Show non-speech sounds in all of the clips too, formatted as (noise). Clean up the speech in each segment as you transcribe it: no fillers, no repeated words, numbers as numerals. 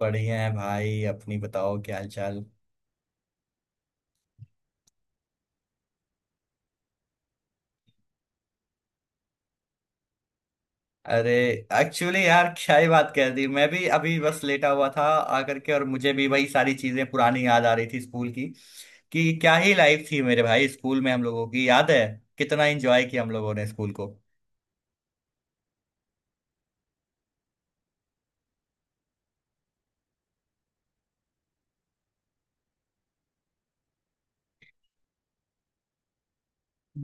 बढ़िया है भाई, अपनी बताओ, क्या हाल चाल। अरे एक्चुअली यार, क्या ही बात कर दी। मैं भी अभी बस लेटा हुआ था आकर के, और मुझे भी वही सारी चीजें पुरानी याद आ रही थी स्कूल की। कि क्या ही लाइफ थी मेरे भाई, स्कूल में हम लोगों की, याद है कितना एंजॉय किया हम लोगों ने स्कूल को।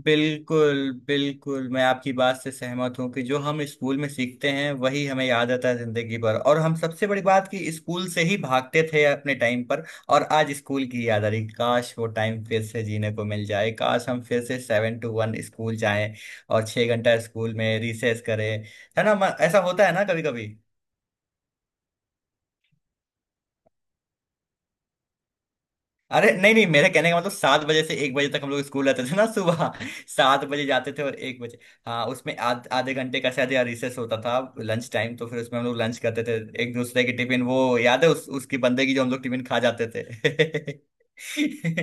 बिल्कुल बिल्कुल, मैं आपकी बात से सहमत हूँ कि जो हम स्कूल में सीखते हैं वही हमें याद आता है जिंदगी भर। और हम, सबसे बड़ी बात कि स्कूल से ही भागते थे अपने टाइम पर, और आज स्कूल की याद आ रही। काश वो टाइम फिर से जीने को मिल जाए, काश हम फिर से 7 to 1 स्कूल जाएं और 6 घंटा स्कूल में रिसेस करें। है ना? ऐसा होता है ना कभी कभी। अरे नहीं नहीं, मेरे कहने का मतलब 7 बजे से 1 बजे तक हम लोग स्कूल रहते थे ना। सुबह (laughs) 7 बजे जाते थे और 1 बजे। हाँ, उसमें आधे घंटे का शायद या रिसेस होता था लंच टाइम, तो फिर उसमें हम लोग लंच करते थे। एक दूसरे की टिफिन, वो याद है उसकी बंदे की जो हम लोग टिफिन खा जाते थे।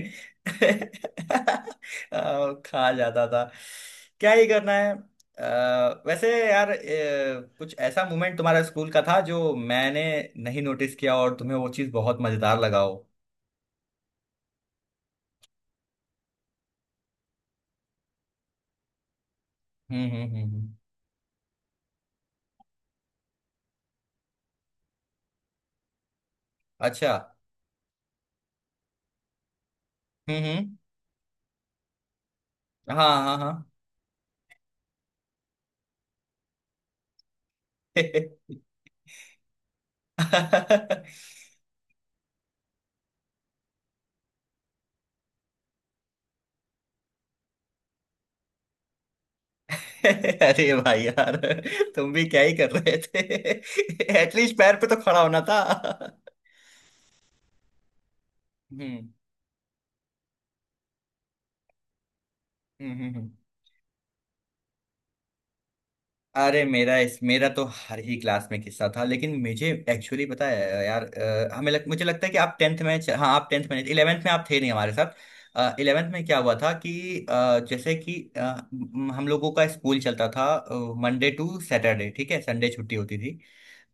(laughs) खा जाता था। क्या ही करना है। वैसे यार, कुछ ऐसा मोमेंट तुम्हारा स्कूल का था जो मैंने नहीं नोटिस किया और तुम्हें वो चीज़ बहुत मजेदार लगा हो? हम्म हम्म हम्म हम्म। अच्छा। हम्म। हाँ हाँ हाँ। (laughs) अरे भाई यार, तुम भी क्या ही कर रहे थे। (laughs) एटलीस्ट पैर पे तो खड़ा होना था। हम्म हम्म हम्म, हम्म। अरे मेरा तो हर ही क्लास में किस्सा था, लेकिन मुझे एक्चुअली पता है यार। मुझे लगता है कि आप 10th में हाँ, आप 10th में नहीं, 11th में आप थे नहीं हमारे साथ। 11th में क्या हुआ था कि जैसे कि हम लोगों का स्कूल चलता था मंडे टू सैटरडे, ठीक है, संडे छुट्टी होती थी।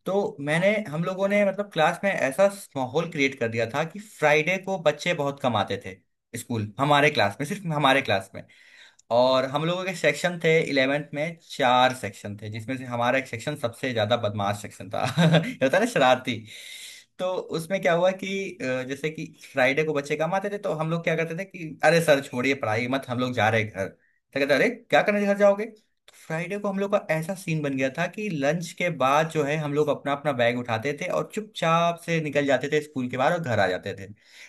तो मैंने हम लोगों ने मतलब क्लास में ऐसा माहौल क्रिएट कर दिया था कि फ्राइडे को बच्चे बहुत कम आते थे स्कूल, हमारे क्लास में, सिर्फ हमारे क्लास में। और हम लोगों के सेक्शन थे, 11th में 4 सेक्शन थे, जिसमें से हमारा एक सेक्शन सबसे ज्यादा बदमाश सेक्शन था। (laughs) ये होता है ना, शरारती। तो उसमें क्या हुआ कि जैसे कि फ्राइडे को बच्चे कम आते थे, तो हम लोग क्या करते थे कि अरे सर छोड़िए पढ़ाई मत, हम लोग जा रहे हैं घर। तो कहते, अरे क्या करने घर जाओगे। तो फ्राइडे को हम लोग का ऐसा सीन बन गया था कि लंच के बाद जो है हम लोग अपना अपना बैग उठाते थे और चुपचाप से निकल जाते थे स्कूल के बाहर और घर आ जाते थे।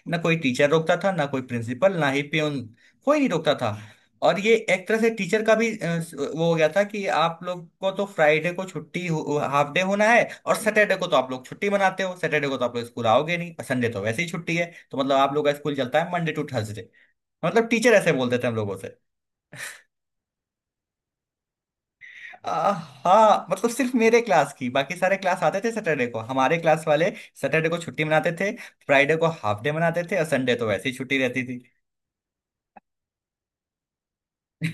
ना कोई टीचर रोकता था, ना कोई प्रिंसिपल, ना ही प्यून, कोई नहीं रोकता था। और ये एक तरह से टीचर का भी वो हो गया था कि आप लोग को तो फ्राइडे को छुट्टी, हाफ डे होना है, और सैटरडे को तो आप लोग छुट्टी मनाते हो, सैटरडे को तो आप लोग स्कूल आओगे नहीं, और संडे तो वैसे ही छुट्टी है, तो मतलब आप लोग का स्कूल चलता है मंडे टू थर्सडे। मतलब टीचर ऐसे बोलते थे हम लोगों से। हाँ, मतलब सिर्फ मेरे क्लास की, बाकी सारे क्लास आते थे सैटरडे को। हमारे क्लास वाले सैटरडे को छुट्टी मनाते थे, फ्राइडे को हाफ डे मनाते थे, और संडे तो वैसे ही छुट्टी रहती थी। (laughs)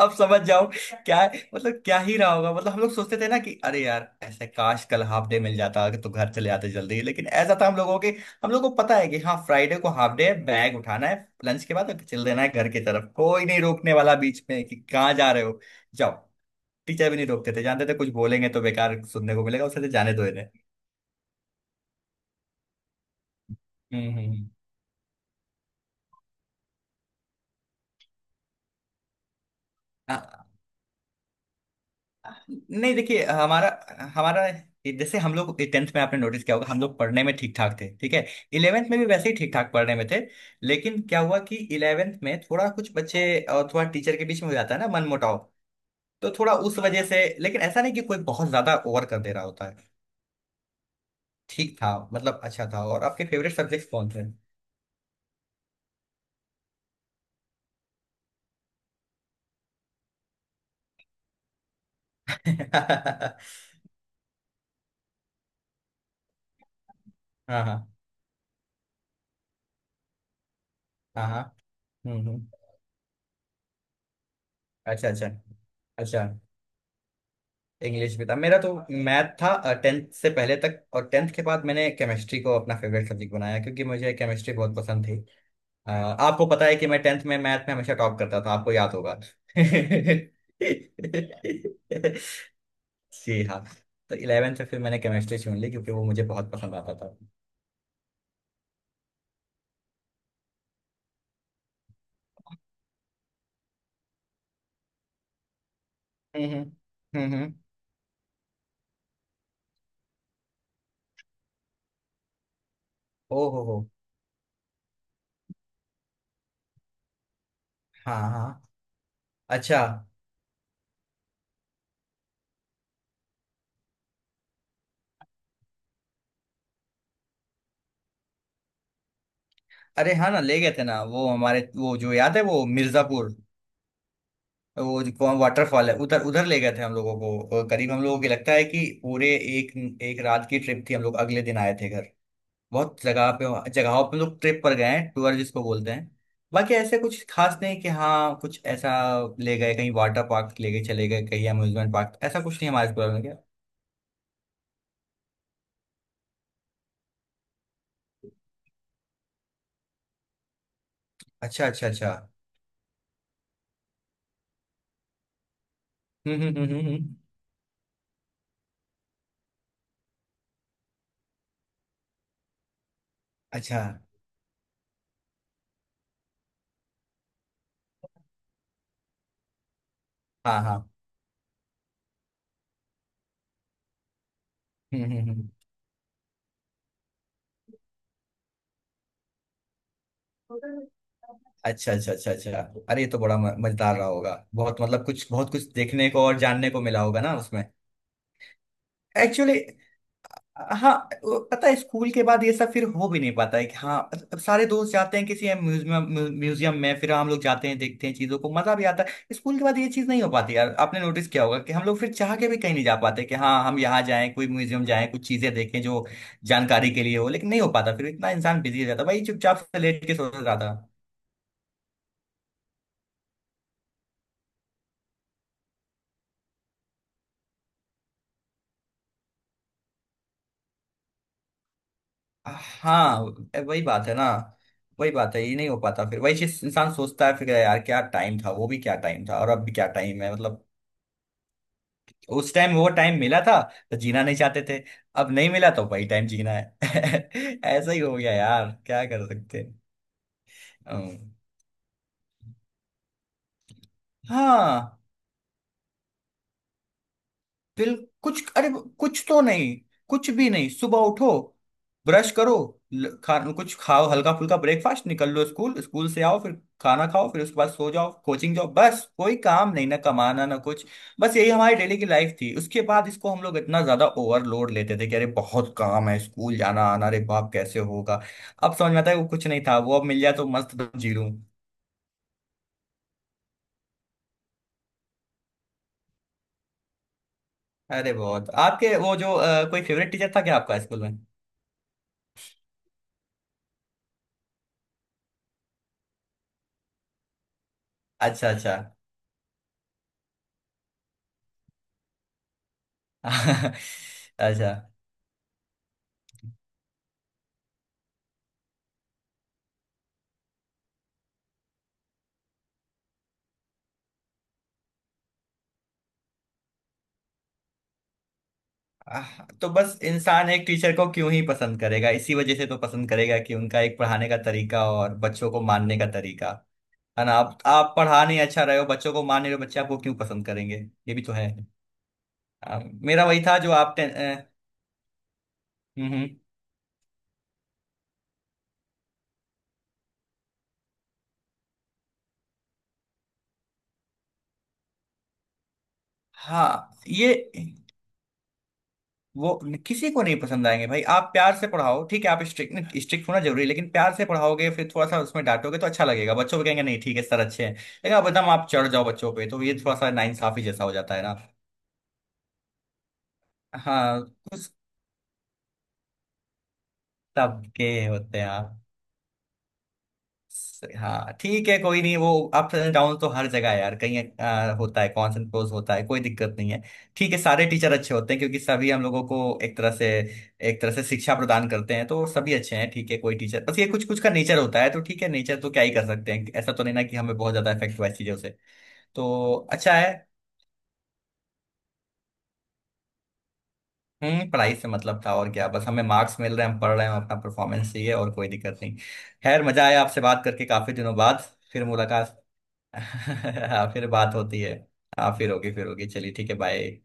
अब समझ जाओ क्या। मतलब क्या ही रहा होगा, मतलब हम लोग सोचते थे ना कि अरे यार, ऐसे काश कल हाफ डे मिल जाता तो घर चले आते जल्दी, लेकिन ऐसा था हम लोगों के, हम लोग को पता है कि हाँ फ्राइडे को हाफ डे है, बैग उठाना है लंच के बाद और चल देना है घर की तरफ, कोई नहीं रोकने वाला बीच में कि कहाँ जा रहे हो, जाओ। टीचर भी नहीं रोकते थे, जानते थे कुछ बोलेंगे तो बेकार सुनने को मिलेगा उससे, तो जाने दो इन्हें। हम्म हम्म, हम्म। नहीं देखिए, हमारा हमारा जैसे हम लोग 10th में, आपने नोटिस किया होगा, हम लोग पढ़ने में ठीक ठाक थे, ठीक है। इलेवेंथ में भी वैसे ही ठीक ठाक पढ़ने में थे। लेकिन क्या हुआ कि इलेवेंथ में थोड़ा कुछ बच्चे और थोड़ा टीचर के बीच में हो जाता है ना मनमुटाव, तो थोड़ा उस वजह से। लेकिन ऐसा नहीं कि कोई बहुत ज्यादा ओवर कर दे रहा होता है। ठीक था, मतलब अच्छा था। और आपके फेवरेट सब्जेक्ट कौन थे? (laughs) हाँ हाँ हाँ हाँ। हम्म। अच्छा अच्छा अच्छा। इंग्लिश भी था मेरा तो। मैथ था 10th से पहले तक, और 10th के बाद मैंने केमिस्ट्री को अपना फेवरेट सब्जेक्ट बनाया क्योंकि मुझे केमिस्ट्री बहुत पसंद थी। आपको पता है कि मैं 10th में मैथ में हमेशा टॉप करता था, आपको याद होगा। (laughs) जी हाँ। तो 11th में फिर मैंने केमिस्ट्री चुन ली क्योंकि वो मुझे बहुत पसंद आता था। हम्म। ओ हो हो। हाँ हाँ। अच्छा। अरे हाँ ना, ले गए थे ना। वो हमारे, वो जो याद है वो मिर्जापुर, वो जो कौन वाटरफॉल है उधर, उधर ले गए थे हम लोगों को। और करीब हम लोगों को लगता है कि पूरे एक, एक रात की ट्रिप थी, हम लोग अगले दिन आए थे घर। बहुत जगह पे, जगहों पे लोग ट्रिप पर गए हैं, टूर जिसको बोलते हैं। बाकी ऐसे कुछ खास नहीं कि हाँ, कुछ ऐसा ले गए कहीं वाटर पार्क, ले गए चले गए कहीं अम्यूजमेंट पार्क, ऐसा कुछ नहीं हमारे प्लान में क्या। अच्छा अच्छा अच्छा। हम्म हम्म हम्म हम्म हम्म। अच्छा। हाँ हाँ। हम्म। अच्छा अच्छा अच्छा अच्छा। अरे ये तो बड़ा मजेदार रहा होगा, बहुत, मतलब कुछ बहुत कुछ देखने को और जानने को मिला होगा ना उसमें। एक्चुअली हाँ, वो पता है स्कूल के बाद ये सब फिर हो भी नहीं पाता है कि हाँ अब सारे दोस्त जाते हैं किसी म्यूजियम म्यूजियम में, फिर हम लोग जाते हैं, देखते हैं चीजों को, मजा भी आता है। स्कूल के बाद ये चीज नहीं हो पाती यार, आपने नोटिस किया होगा कि हम लोग फिर चाह के भी कहीं नहीं जा पाते कि हाँ हम यहाँ जाएं, कोई म्यूजियम जाएं, कुछ चीजें देखें जो जानकारी के लिए हो, लेकिन नहीं हो पाता, फिर इतना इंसान बिजी हो जाता है। भाई चुपचाप से लेट के सोच रहा था। हाँ वही बात है ना। वही बात है, ये नहीं हो पाता, फिर वही चीज इंसान सोचता है फिर यार क्या टाइम था, वो भी क्या टाइम था और अब भी क्या टाइम है मतलब। उस टाइम वो टाइम मिला था तो जीना नहीं चाहते थे, अब नहीं मिला तो वही टाइम जीना है। (laughs) ऐसा ही हो गया यार, क्या कर सकते हैं। अम्म, हाँ, बिल कुछ, अरे कुछ तो नहीं, कुछ भी नहीं। सुबह उठो, ब्रश करो, खा, कुछ खाओ हल्का फुल्का ब्रेकफास्ट, निकल लो स्कूल, स्कूल से आओ फिर खाना खाओ, फिर उसके बाद सो जाओ, कोचिंग जाओ, बस। कोई काम नहीं, ना कमाना ना कुछ, बस यही हमारी डेली की लाइफ थी। उसके बाद इसको हम लोग इतना ज्यादा ओवरलोड लेते थे कि अरे बहुत काम है स्कूल जाना आना, अरे बाप कैसे होगा। अब समझ में आता है वो कुछ नहीं था, वो अब मिल जाए तो मस्त जी लूं। अरे बहुत। आपके वो जो कोई फेवरेट टीचर था क्या आपका स्कूल में? अच्छा अच्छा। (laughs) अच्छा। आह, तो बस इंसान एक टीचर को क्यों ही पसंद करेगा, इसी वजह से तो पसंद करेगा कि उनका एक पढ़ाने का तरीका और बच्चों को मानने का तरीका। है ना, आप पढ़ा नहीं अच्छा रहे हो, बच्चों को मान नहीं रहे हो, बच्चे आपको क्यों पसंद करेंगे। ये भी तो है। आ, मेरा वही था जो आप हम्म हम्म। हाँ ये वो, किसी को नहीं पसंद आएंगे भाई। आप प्यार से पढ़ाओ, ठीक है आप स्ट्रिक्ट, स्ट्रिक्ट होना जरूरी है, लेकिन प्यार से पढ़ाओगे फिर थोड़ा सा उसमें डांटोगे तो अच्छा लगेगा बच्चों को, कहेंगे नहीं ठीक है सर अच्छे हैं। लेकिन आप एकदम आप चढ़ जाओ बच्चों पे तो ये थोड़ा सा नाइंसाफी जैसा हो जाता है ना। हाँ कुछ, सबके होते हैं। हाँ ठीक है, कोई नहीं वो। अप एंड डाउन तो हर जगह है यार, कहीं होता है, कॉन्स एंड प्रोस होता है, कोई दिक्कत नहीं है। ठीक है, सारे टीचर अच्छे होते हैं क्योंकि सभी हम लोगों को एक तरह से शिक्षा प्रदान करते हैं, तो सभी अच्छे हैं। ठीक है, कोई टीचर बस ये, कुछ कुछ का नेचर होता है, तो ठीक है नेचर तो क्या ही कर सकते हैं, ऐसा तो नहीं ना कि हमें बहुत ज्यादा इफेक्ट हुआ है चीजों से, तो अच्छा है। पढ़ाई से मतलब था, और क्या, बस हमें मार्क्स मिल रहे हैं हम पढ़ रहे हैं, हम अपना परफॉर्मेंस चाहिए, और कोई दिक्कत नहीं। खैर मजा आया आपसे बात करके काफी दिनों बाद। फिर मुलाकात। (laughs) हाँ फिर बात होती है। हाँ फिर होगी फिर होगी, चलिए ठीक है, बाय।